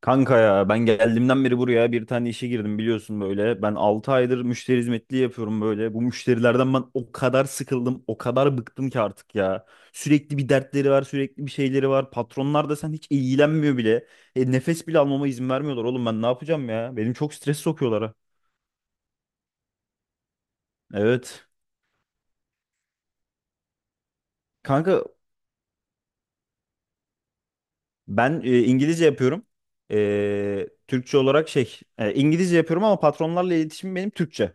Kanka ya ben geldiğimden beri buraya bir tane işe girdim biliyorsun böyle. Ben 6 aydır müşteri hizmetliği yapıyorum böyle. Bu müşterilerden ben o kadar sıkıldım, o kadar bıktım ki artık ya. Sürekli bir dertleri var, sürekli bir şeyleri var. Patronlar da sen hiç ilgilenmiyor bile. Nefes bile almama izin vermiyorlar oğlum, ben ne yapacağım ya? Benim çok stres sokuyorlar ha. Evet. Kanka ben İngilizce yapıyorum. Türkçe olarak şey, İngilizce yapıyorum ama patronlarla iletişim benim Türkçe.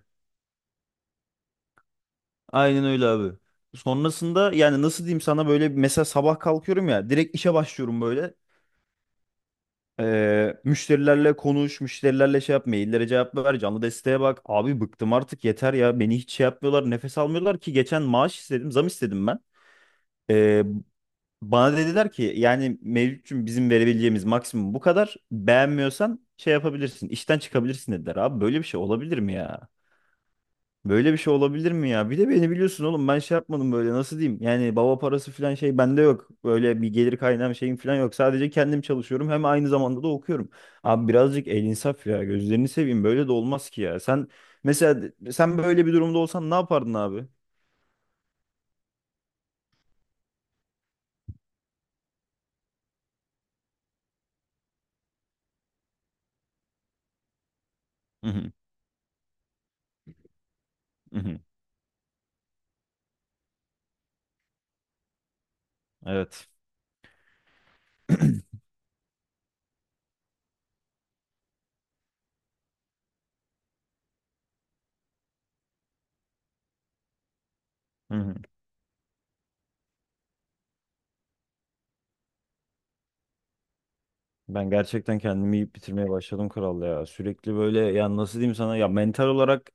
Aynen öyle abi. Sonrasında yani nasıl diyeyim sana, böyle mesela sabah kalkıyorum ya, direkt işe başlıyorum böyle. Müşterilerle konuş, müşterilerle şey yap, maillere cevap ver, canlı desteğe bak. Abi bıktım artık yeter ya. Beni hiç şey yapmıyorlar, nefes almıyorlar ki, geçen maaş istedim, zam istedim ben. Ee, Bana dediler ki yani mevcutçum bizim verebileceğimiz maksimum bu kadar. Beğenmiyorsan şey yapabilirsin, işten çıkabilirsin dediler. Abi böyle bir şey olabilir mi ya? Böyle bir şey olabilir mi ya? Bir de beni biliyorsun oğlum, ben şey yapmadım böyle, nasıl diyeyim? Yani baba parası falan şey bende yok. Böyle bir gelir kaynağım, şeyim falan yok. Sadece kendim çalışıyorum hem aynı zamanda da okuyorum. Abi birazcık el insaf ya, gözlerini seveyim, böyle de olmaz ki ya. Mesela sen böyle bir durumda olsan ne yapardın abi? Hı hı, hı hı. Evet. Ben gerçekten kendimi yiyip bitirmeye başladım kral ya. Sürekli böyle ya, nasıl diyeyim sana ya, mental olarak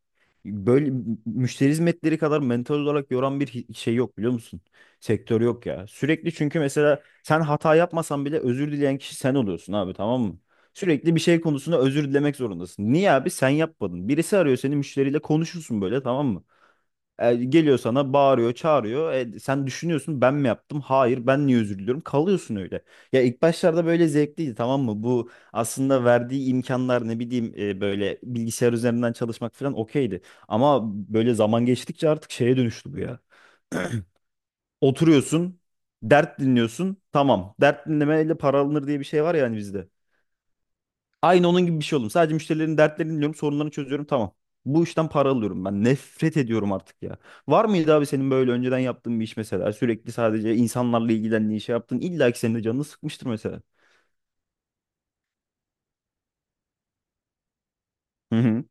böyle, müşteri hizmetleri kadar mental olarak yoran bir şey yok biliyor musun? Sektör yok ya. Sürekli, çünkü mesela sen hata yapmasan bile özür dileyen kişi sen oluyorsun abi, tamam mı? Sürekli bir şey konusunda özür dilemek zorundasın. Niye abi? Sen yapmadın. Birisi arıyor seni, müşteriyle konuşursun böyle tamam mı? Geliyor sana bağırıyor, çağırıyor. Sen düşünüyorsun ben mi yaptım? Hayır, ben niye özür diliyorum? Kalıyorsun öyle. Ya ilk başlarda böyle zevkliydi, tamam mı? Bu aslında verdiği imkanlar, ne bileyim böyle bilgisayar üzerinden çalışmak falan okeydi. Ama böyle zaman geçtikçe artık şeye dönüştü bu ya. Oturuyorsun, dert dinliyorsun. Tamam. Dert dinlemeyle para alınır diye bir şey var ya hani bizde. Aynı onun gibi bir şey oldum. Sadece müşterilerin dertlerini dinliyorum, sorunlarını çözüyorum. Tamam. Bu işten para alıyorum ben. Nefret ediyorum artık ya. Var mıydı abi senin böyle önceden yaptığın bir iş mesela? Sürekli sadece insanlarla ilgilendiğin şey yaptın. İlla ki senin de canını sıkmıştır mesela. Hı hı.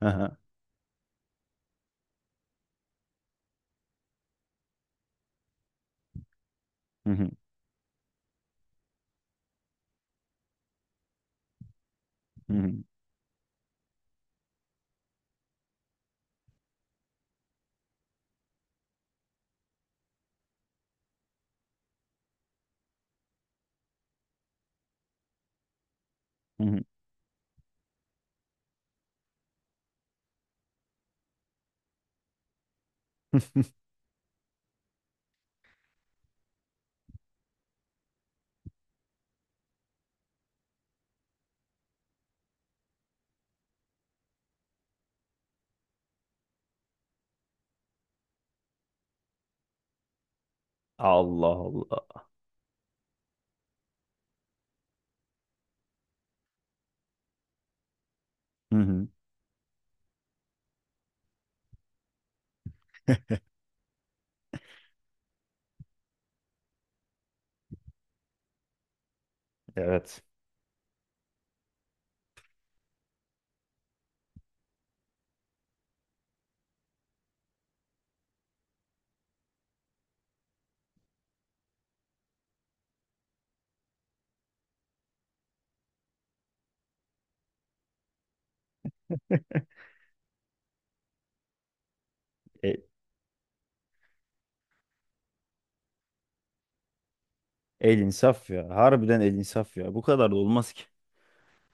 Aha. Hı hı. Hı hı. Hı hı. Allah Allah. Hı hı. Evet. E, El insaf ya. Harbiden el insaf ya. Bu kadar da olmaz ki.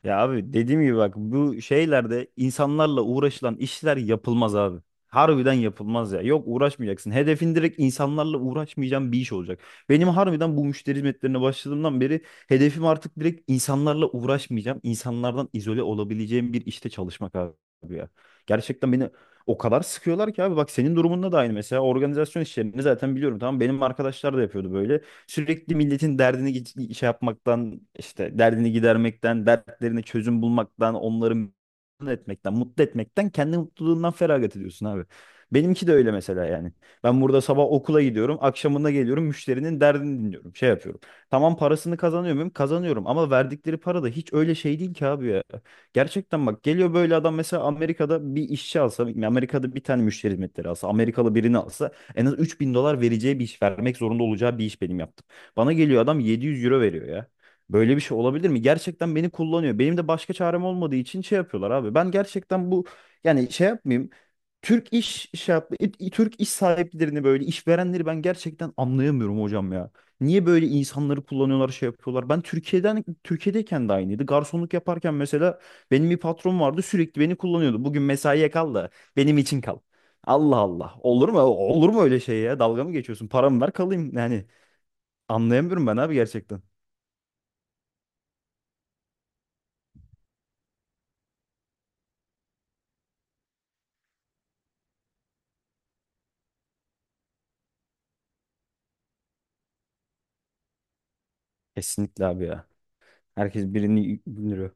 Ya abi dediğim gibi bak, bu şeylerde insanlarla uğraşılan işler yapılmaz abi. Harbiden yapılmaz ya. Yok, uğraşmayacaksın. Hedefin direkt, insanlarla uğraşmayacağım bir iş olacak. Benim harbiden bu müşteri hizmetlerine başladığımdan beri hedefim artık, direkt insanlarla uğraşmayacağım. İnsanlardan izole olabileceğim bir işte çalışmak abi ya. Gerçekten beni o kadar sıkıyorlar ki abi bak, senin durumunda da aynı mesela, organizasyon işlerini zaten biliyorum, tamam, benim arkadaşlar da yapıyordu böyle. Sürekli milletin derdini şey yapmaktan, işte derdini gidermekten, dertlerine çözüm bulmaktan, onları memnun etmekten, mutlu etmekten kendi mutluluğundan feragat ediyorsun abi. Benimki de öyle mesela yani. Ben burada sabah okula gidiyorum, akşamında geliyorum, müşterinin derdini dinliyorum, şey yapıyorum. Tamam, parasını kazanıyor muyum? Kazanıyorum, ama verdikleri para da hiç öyle şey değil ki abi ya. Gerçekten bak, geliyor böyle adam, mesela Amerika'da bir işçi alsa, Amerika'da bir tane müşteri hizmetleri alsa, Amerikalı birini alsa en az 3.000 dolar vereceği bir iş, vermek zorunda olacağı bir iş benim yaptım. Bana geliyor adam 700 euro veriyor ya. Böyle bir şey olabilir mi? Gerçekten beni kullanıyor. Benim de başka çarem olmadığı için şey yapıyorlar abi. Ben gerçekten bu, yani şey yapmayayım. Türk iş şey yap- i- Türk iş sahiplerini, böyle işverenleri ben gerçekten anlayamıyorum hocam ya. Niye böyle insanları kullanıyorlar, şey yapıyorlar? Ben Türkiye'den, Türkiye'deyken de aynıydı. Garsonluk yaparken mesela benim bir patron vardı, sürekli beni kullanıyordu. Bugün mesaiye kal da benim için kal. Allah Allah. Olur mu? Olur mu öyle şey ya? Dalga mı geçiyorsun? Paramı ver kalayım. Yani anlayamıyorum ben abi gerçekten. Kesinlikle abi ya. Herkes birini yürüyor.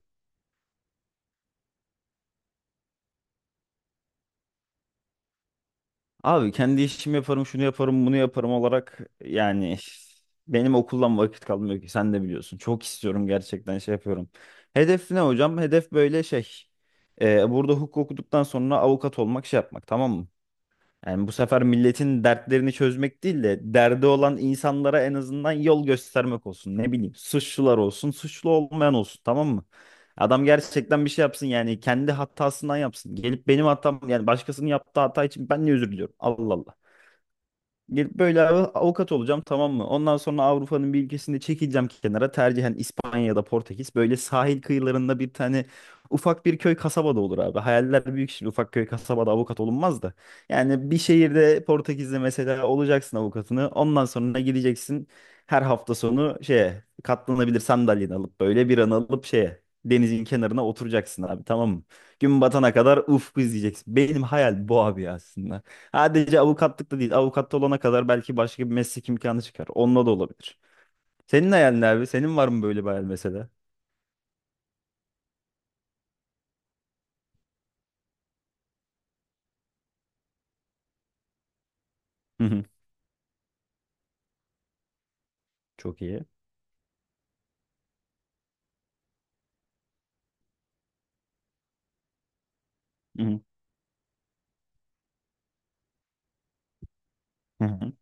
Abi kendi işimi yaparım, şunu yaparım, bunu yaparım olarak, yani benim okuldan vakit kalmıyor ki, sen de biliyorsun. Çok istiyorum gerçekten, şey yapıyorum. Hedef ne hocam? Hedef böyle şey. Burada hukuk okuduktan sonra avukat olmak, şey yapmak, tamam mı? Yani bu sefer milletin dertlerini çözmek değil de derdi olan insanlara en azından yol göstermek olsun. Ne bileyim, suçlular olsun, suçlu olmayan olsun, tamam mı? Adam gerçekten bir şey yapsın, yani kendi hatasından yapsın. Gelip benim hatam, yani başkasının yaptığı hata için ben niye özür diliyorum? Allah Allah. Gelip böyle avukat olacağım, tamam mı? Ondan sonra Avrupa'nın bir ülkesinde çekileceğim kenara. Tercihen İspanya'da, Portekiz. Böyle sahil kıyılarında bir tane ufak bir köy kasabada olur abi. Hayaller büyük, şimdi ufak köy kasabada avukat olunmaz da. Yani bir şehirde, Portekiz'de mesela olacaksın avukatını. Ondan sonra gideceksin her hafta sonu şeye, katlanabilir sandalyeni alıp böyle bir an alıp şeye, denizin kenarına oturacaksın abi, tamam mı? Gün batana kadar ufku izleyeceksin. Benim hayal bu abi aslında. Sadece avukatlık da değil. Avukat olana kadar belki başka bir meslek imkanı çıkar. Onunla da olabilir. Senin hayalin ne abi? Senin var mı böyle bir hayal mesela? Hı hı. Çok iyi. Hı hı.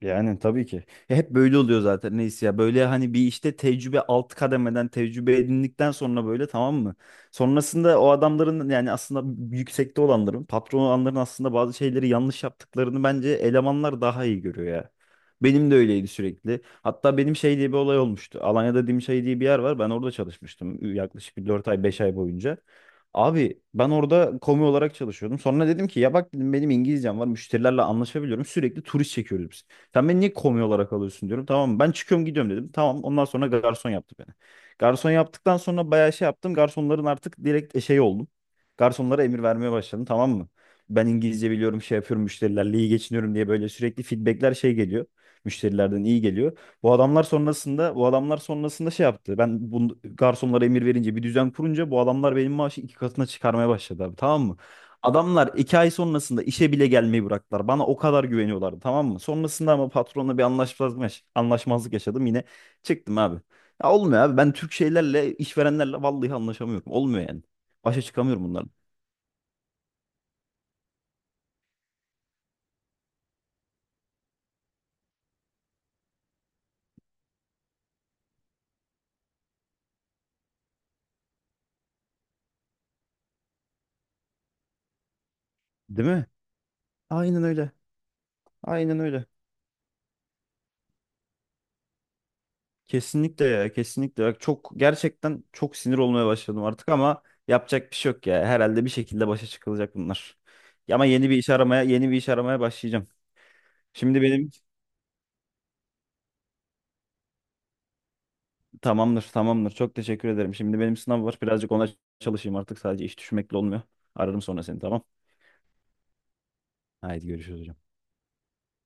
Yani tabii ki. Ya hep böyle oluyor zaten neyse ya. Böyle hani bir işte tecrübe, alt kademeden tecrübe edindikten sonra böyle, tamam mı? Sonrasında o adamların, yani aslında yüksekte olanların, patron olanların aslında bazı şeyleri yanlış yaptıklarını bence elemanlar daha iyi görüyor ya. Benim de öyleydi sürekli. Hatta benim şey diye bir olay olmuştu. Alanya'da Dimşay diye bir yer var. Ben orada çalışmıştım yaklaşık bir 4 ay 5 ay boyunca. Abi ben orada komi olarak çalışıyordum. Sonra dedim ki ya bak dedim, benim İngilizcem var. Müşterilerle anlaşabiliyorum. Sürekli turist çekiyoruz biz. Sen beni niye komi olarak alıyorsun diyorum. Tamam ben çıkıyorum gidiyorum dedim. Tamam, ondan sonra garson yaptı beni. Garson yaptıktan sonra bayağı şey yaptım. Garsonların artık direkt şey oldum. Garsonlara emir vermeye başladım, tamam mı? Ben İngilizce biliyorum, şey yapıyorum, müşterilerle iyi geçiniyorum diye böyle sürekli feedbackler şey geliyor. Müşterilerden iyi geliyor. Bu adamlar sonrasında şey yaptı. Ben bu garsonlara emir verince, bir düzen kurunca bu adamlar benim maaşı iki katına çıkarmaya başladı abi, tamam mı? Adamlar 2 ay sonrasında işe bile gelmeyi bıraktılar. Bana o kadar güveniyorlardı, tamam mı? Sonrasında ama patronla bir anlaşmazlık yaşadım yine, çıktım abi. Ya olmuyor abi, ben Türk şeylerle, işverenlerle vallahi anlaşamıyorum. Olmuyor yani. Başa çıkamıyorum bunların. Değil mi? Aynen öyle. Aynen öyle. Kesinlikle ya, kesinlikle. Bak çok, gerçekten çok sinir olmaya başladım artık ama yapacak bir şey yok ya. Herhalde bir şekilde başa çıkılacak bunlar. Ya ama yeni bir iş aramaya başlayacağım. Şimdi benim, tamamdır, tamamdır. Çok teşekkür ederim. Şimdi benim sınav var. Birazcık ona çalışayım artık. Sadece iş düşmekle olmuyor. Ararım sonra seni, tamam? Haydi görüşürüz hocam.